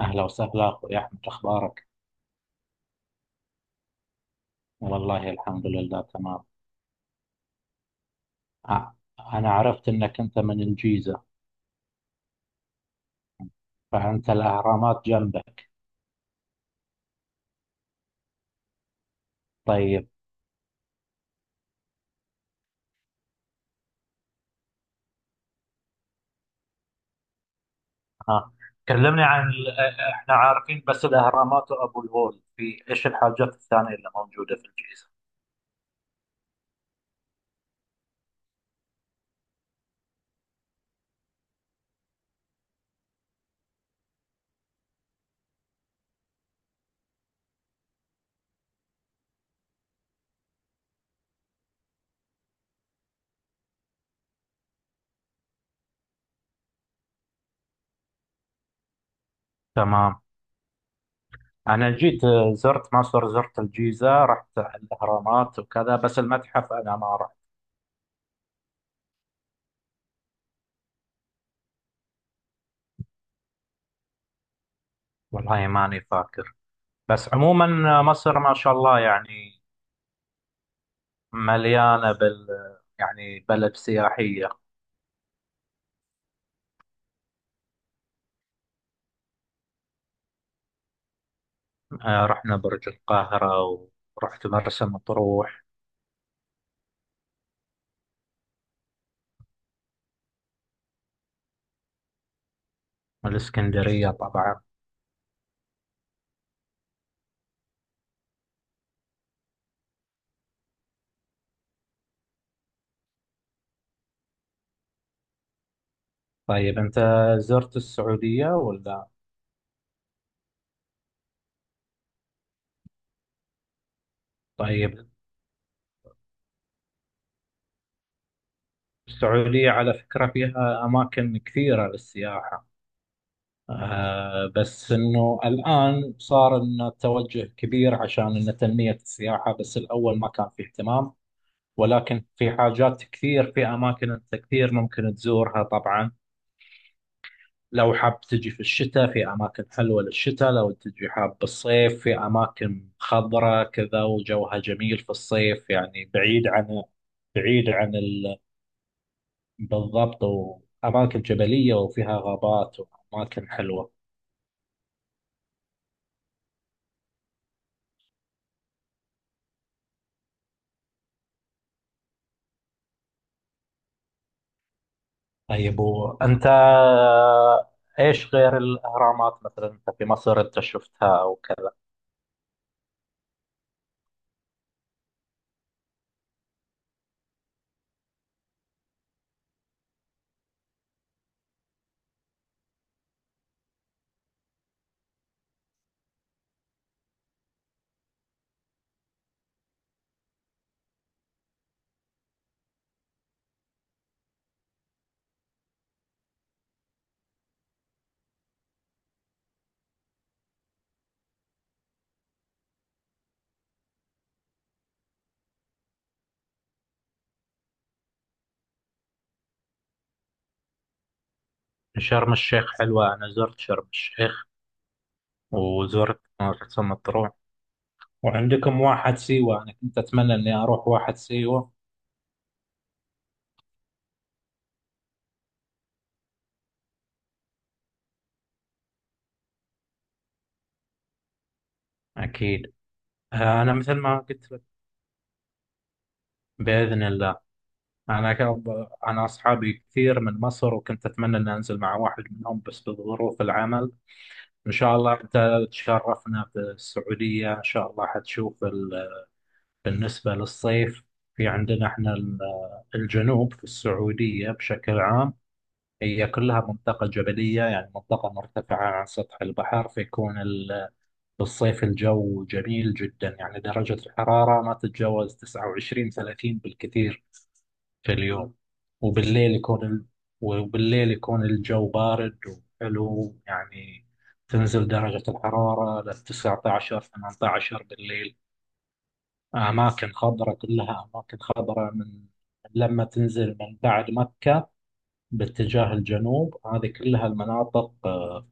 أهلا وسهلا أخوي أحمد، أخبارك؟ والله الحمد لله تمام. أ- أنا عرفت أنك أنت من الجيزة، فأنت الأهرامات جنبك. طيب. ها، كلمني عن إحنا عارفين بس الأهرامات وأبو الهول، في إيش الحاجات الثانية اللي موجودة في الجيزة؟ تمام. أنا جيت زرت مصر، زرت الجيزة، رحت الأهرامات وكذا، بس المتحف أنا ما رحت. والله ماني فاكر. بس عموما مصر ما شاء الله يعني مليانة بال، يعني بلد سياحية. رحنا برج القاهرة ورحت مرسى مطروح والإسكندرية طبعا. طيب، أنت زرت السعودية ولا؟ طيب. السعودية على فكرة فيها أماكن كثيرة للسياحة. آه، بس إنه الآن صار إنه توجه كبير عشان إنه تنمية السياحة، بس الأول ما كان في اهتمام. ولكن في حاجات كثير، في أماكن أنت كثير ممكن تزورها طبعا. لو حاب تجي في الشتاء، في أماكن حلوة للشتاء، لو تجي حاب بالصيف، في أماكن خضرة كذا وجوها جميل في الصيف، يعني بعيد عن، بعيد عن بالضبط، وأماكن جبلية وفيها غابات وأماكن حلوة. طيب وأنت إيش غير الأهرامات مثلا، أنت في مصر أنت شفتها أو كذا؟ شرم الشيخ حلوة، أنا زرت شرم الشيخ وزرت مرسى مطروح، وعندكم واحد سيوة، أنا كنت أتمنى إني أروح واحد سيوة. أكيد. أنا مثل ما قلت لك، بإذن الله. أنا أصحابي كثير من مصر وكنت أتمنى إني أنزل مع واحد منهم، بس بظروف العمل. إن شاء الله أنت تشرفنا في السعودية، إن شاء الله حتشوف بالنسبة للصيف، في عندنا إحنا الجنوب في السعودية بشكل عام هي كلها منطقة جبلية، يعني منطقة مرتفعة عن سطح البحر، فيكون بالصيف الجو جميل جدا، يعني درجة الحرارة ما تتجاوز 29 30 بالكثير في اليوم. وبالليل يكون ال... وبالليل يكون الجو بارد وحلو يعني، تنزل درجة الحرارة لل 19 18 بالليل. أماكن خضراء، كلها أماكن خضراء. من لما تنزل من بعد مكة باتجاه الجنوب، هذه كلها المناطق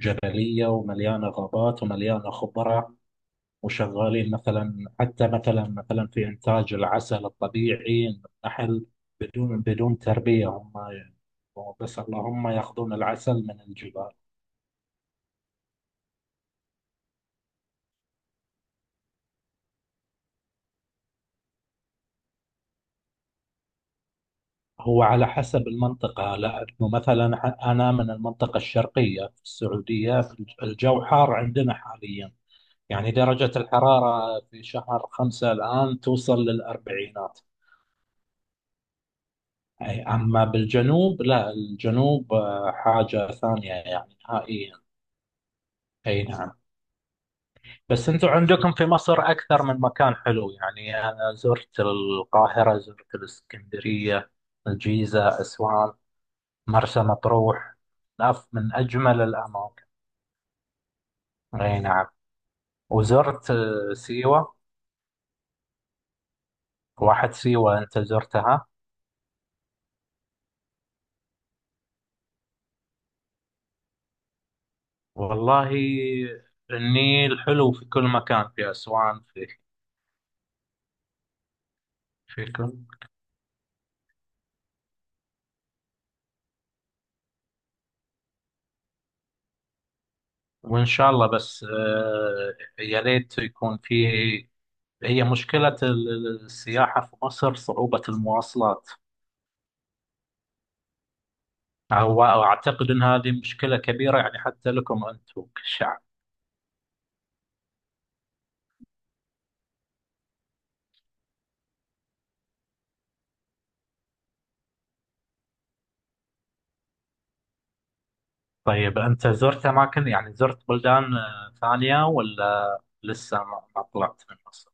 جبلية ومليانة غابات ومليانة خضرة. وشغالين مثلا، حتى مثلا في إنتاج العسل الطبيعي، النحل، بدون تربية. هم بس اللهم يأخذون العسل من الجبال. هو على حسب المنطقة، لأنه مثلا أنا من المنطقة الشرقية في السعودية، الجو حار عندنا حاليا، يعني درجة الحرارة في شهر خمسة الآن توصل للأربعينات. أي. أما بالجنوب لا، الجنوب حاجة ثانية يعني نهائيا. أي نعم. بس انتم عندكم في مصر اكثر من مكان حلو، يعني انا زرت القاهرة، زرت الاسكندرية، الجيزة، اسوان، مرسى مطروح. من اجمل الاماكن، اي نعم. وزرت سيوة. واحد سيوة انت زرتها؟ والله النيل حلو في كل مكان، في اسوان، في في كل، وان شاء الله بس يا ليت يكون في، هي مشكلة السياحة في مصر صعوبة المواصلات. هو أعتقد أن هذه مشكلة كبيرة يعني، حتى لكم أنتم كشعب. طيب أنت زرت أماكن، يعني زرت بلدان ثانية ولا لسه ما طلعت من مصر؟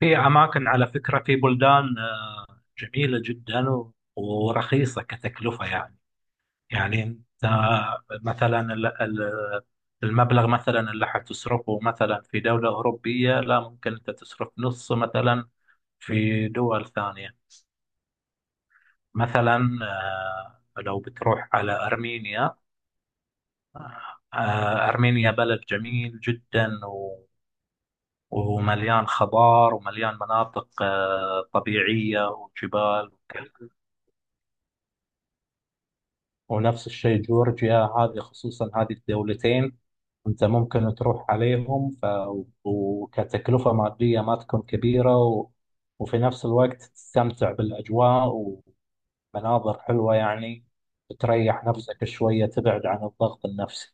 في أماكن على فكرة، في بلدان جميلة جدا ورخيصة كتكلفة يعني. يعني أنت مثلا المبلغ مثلا اللي حتصرفه مثلا في دولة أوروبية، لا ممكن أنت تصرف نص مثلا في دول ثانية. مثلا آه، لو بتروح على أرمينيا، آه، أرمينيا بلد جميل جدا ومليان خضار ومليان مناطق طبيعية وجبال وكذا. ونفس الشيء جورجيا، هذه الدولتين أنت ممكن تروح عليهم وكتكلفة مادية ما تكون كبيرة وفي نفس الوقت تستمتع بالأجواء، مناظر حلوة يعني، تريح نفسك شوية، تبعد عن الضغط النفسي.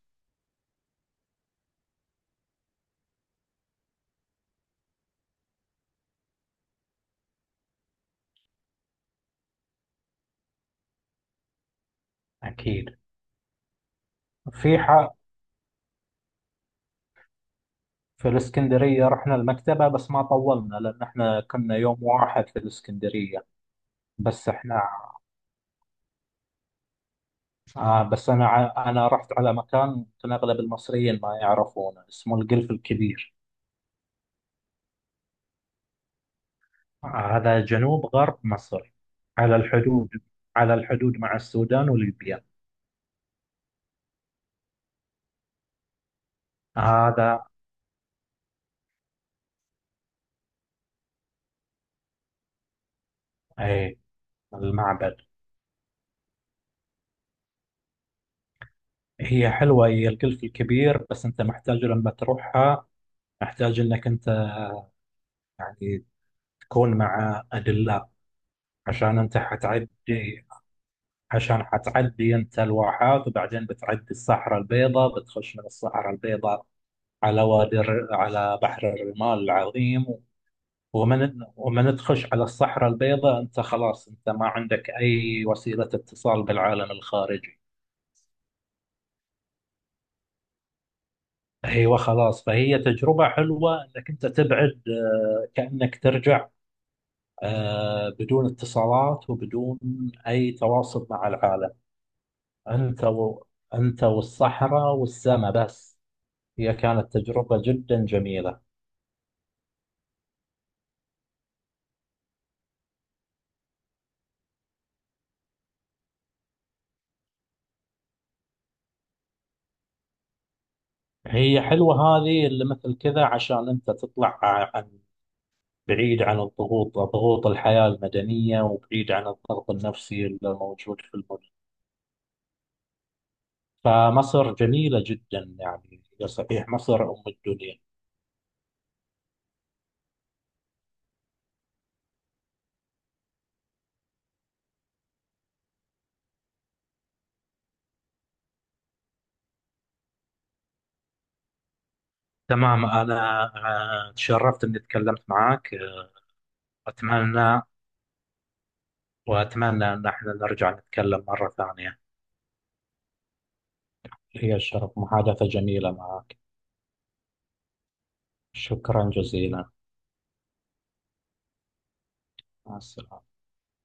أكيد. في حق، في الإسكندرية رحنا المكتبة بس ما طولنا، لأن إحنا كنا يوم واحد في الإسكندرية. بس إحنا، آه، بس أنا رحت على مكان يمكن أغلب المصريين ما يعرفونه، اسمه القلف الكبير. آه هذا جنوب غرب مصر، على الحدود، على الحدود مع السودان وليبيا. هذا إيه؟ المعبد. هي حلوة، هي القلف الكبير، بس أنت محتاج لما تروحها محتاج إنك أنت يعني تكون مع أدلة، عشان أنت حتعدي، عشان حتعدي أنت الواحات وبعدين بتعدي الصحراء البيضاء، بتخش من الصحراء البيضاء على على بحر الرمال العظيم. ومن تخش على الصحراء البيضاء أنت خلاص، أنت ما عندك أي وسيلة اتصال بالعالم الخارجي. أيوة خلاص. فهي تجربة حلوة إنك أنت تبعد، آه، كأنك ترجع بدون اتصالات وبدون أي تواصل مع العالم. أنت و... أنت والصحراء والسماء بس. هي كانت تجربة جدا جميلة. هي حلوة هذه، اللي مثل كذا عشان أنت تطلع عن، بعيد عن الضغوط، ضغوط الحياة المدنية، وبعيد عن الضغط النفسي اللي موجود في المدن. فمصر جميلة جدا يعني، هي صحيح مصر أم الدنيا. تمام. أنا آه، تشرفت إني تكلمت معك. أتمنى، وأتمنى أن احنا نرجع نتكلم مرة ثانية. هي الشرف، محادثة جميلة معك. شكرا جزيلا. مع السلامة.